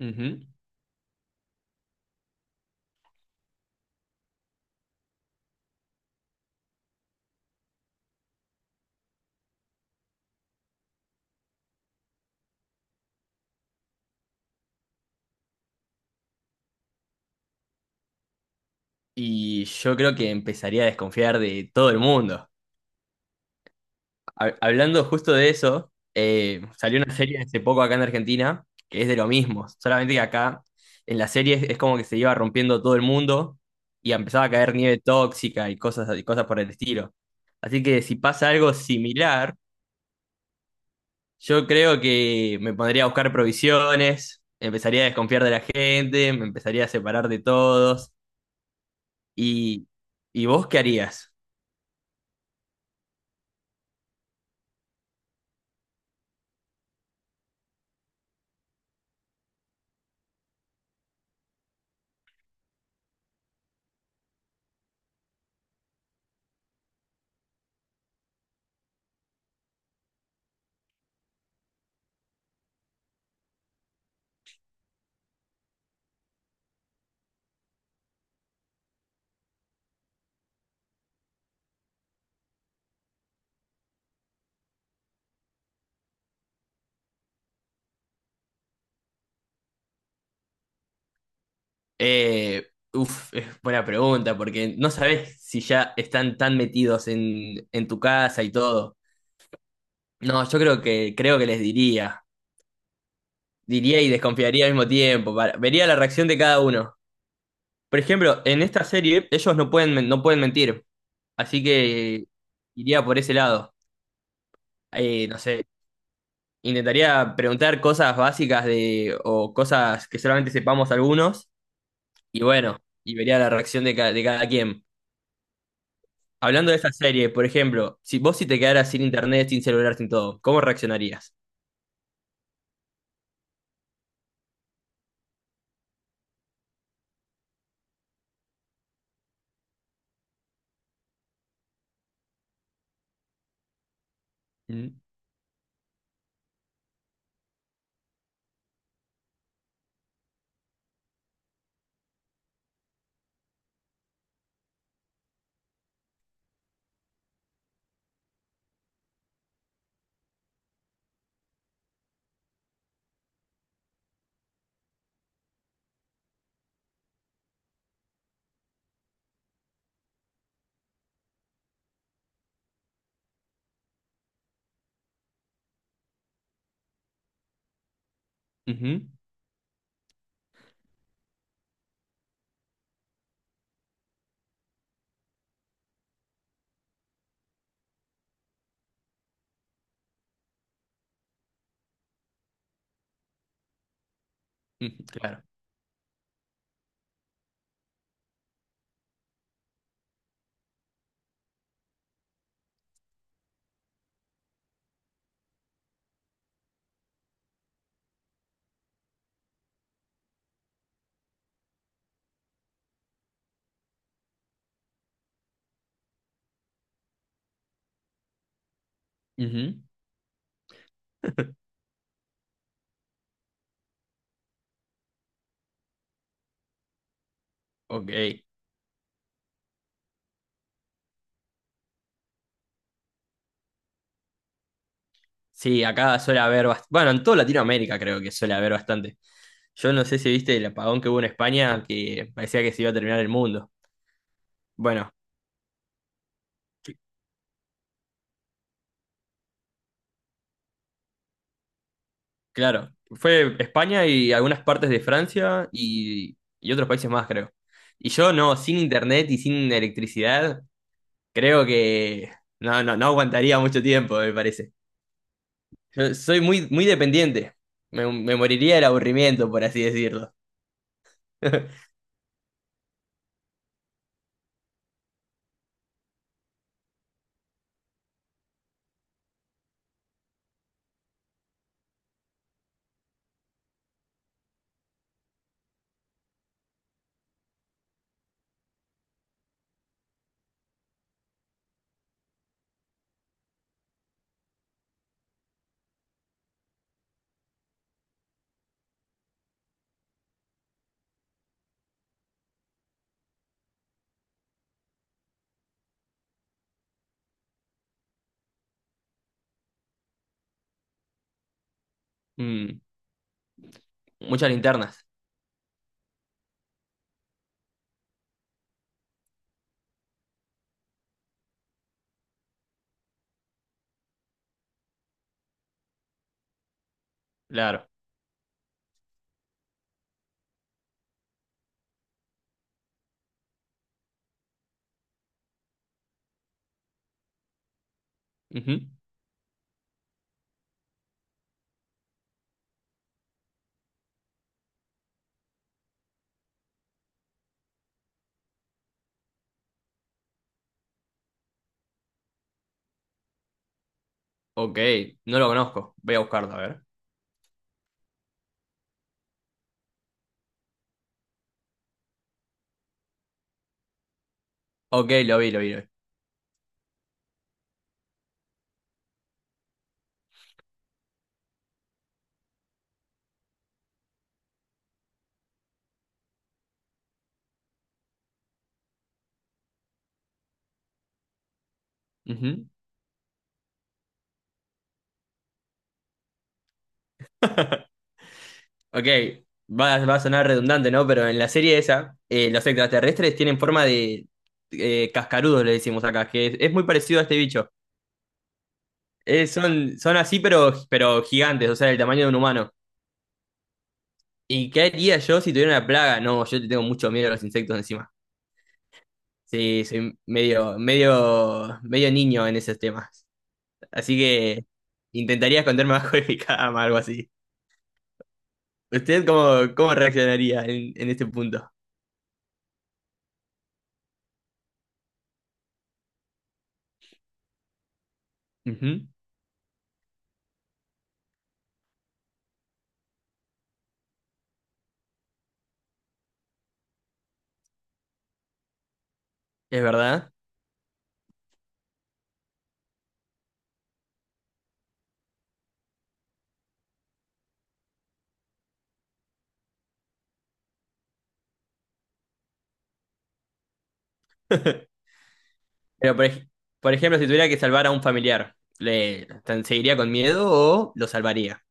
Ujú. Y yo creo que empezaría a desconfiar de todo el mundo. Hablando justo de eso, salió una serie hace poco acá en Argentina que es de lo mismo, solamente que acá en la serie es como que se iba rompiendo todo el mundo y empezaba a caer nieve tóxica y cosas por el estilo. Así que si pasa algo similar, yo creo que me pondría a buscar provisiones, empezaría a desconfiar de la gente, me empezaría a separar de todos. ¿Y, y vos qué harías? Eh, uf, es buena pregunta, porque no sabes si ya están tan metidos en tu casa y todo. No, yo creo creo que les diría. Diría y desconfiaría al mismo tiempo. Vería la reacción de cada uno. Por ejemplo, en esta serie ellos no pueden, no pueden mentir. Así que iría por ese lado. No sé, intentaría preguntar cosas básicas de, o cosas que solamente sepamos algunos. Y bueno, y vería la reacción de, de cada quien. Hablando de esa serie, por ejemplo, si te quedaras sin internet, sin celular, sin todo, ¿cómo reaccionarías? Mm, ujú, ujú, claro. Ujú, ok. Sí, acá suele haber bueno, en toda Latinoamérica creo que suele haber bastante. Yo no sé si viste el apagón que hubo en España, que parecía que se iba a terminar el mundo. Bueno, c- claro, fue España y algunas partes de Francia y otros países más, creo. Y yo no, sin internet y sin electricidad, creo que no aguantaría mucho tiempo, me parece. Yo soy muy, muy dependiente. Me moriría del aburrimiento, por así decirlo. Mm, muchas linternas, claro. Ujú. Ok, no lo conozco. Voy a buscarlo, a ver. Ok, lo vi, lo vi. Lo vi. Ujú. Ok, va, va a sonar redundante, ¿no? Pero en la serie esa, los extraterrestres tienen forma de cascarudos, le decimos acá, que es muy parecido a este bicho. Son así, pero gigantes, o sea, del tamaño de un humano. ¿Y qué haría yo si tuviera una plaga? No, yo te tengo mucho miedo a los insectos encima. Sí, soy medio, medio, medio niño en esos temas. Así que intentaría esconderme bajo de mi cama, algo así. ¿Usted cómo, cómo reaccionaría en este punto? Ujú, es verdad. Pero por ejemplo, si tuviera que salvar a un familiar, seguiría con miedo o lo salvaría?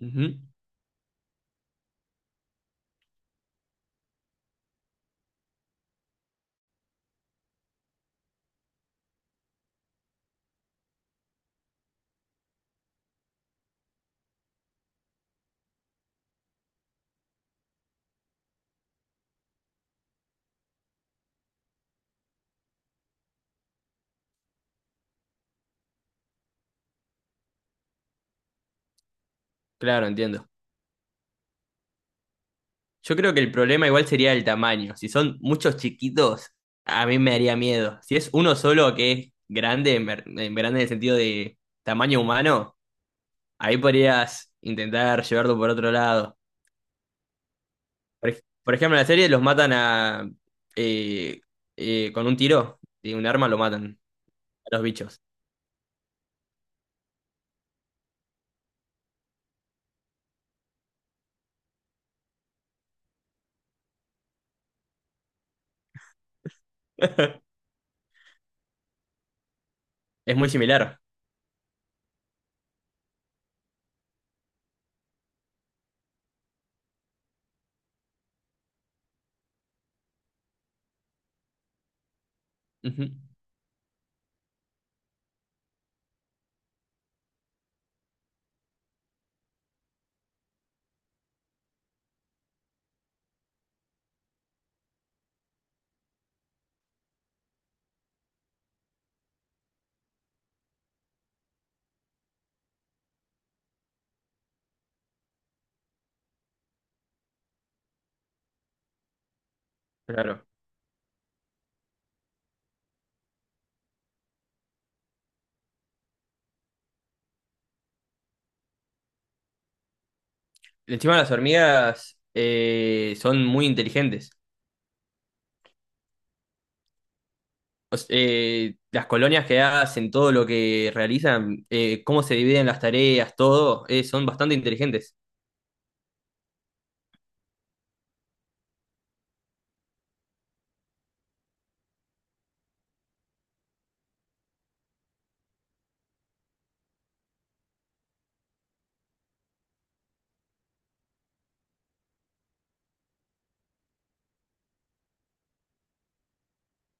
Ujú, claro, entiendo. Yo creo que el problema igual sería el tamaño. Si son muchos chiquitos, a mí me daría miedo. Si es uno solo que es grande, en grande en el sentido de tamaño humano. Ahí podrías intentar llevarlo por otro lado. Por ejemplo, en la serie los matan a... eh, con un tiro de un arma lo matan a los bichos. Es muy similar. Ujú, claro. Encima las hormigas son muy inteligentes. Las colonias que hacen, todo lo que realizan, cómo se dividen las tareas, todo, son bastante inteligentes.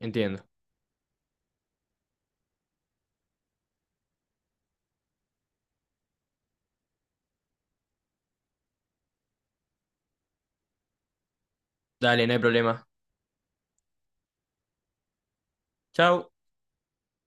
Entiendo. Dale, no hay problema. Chau.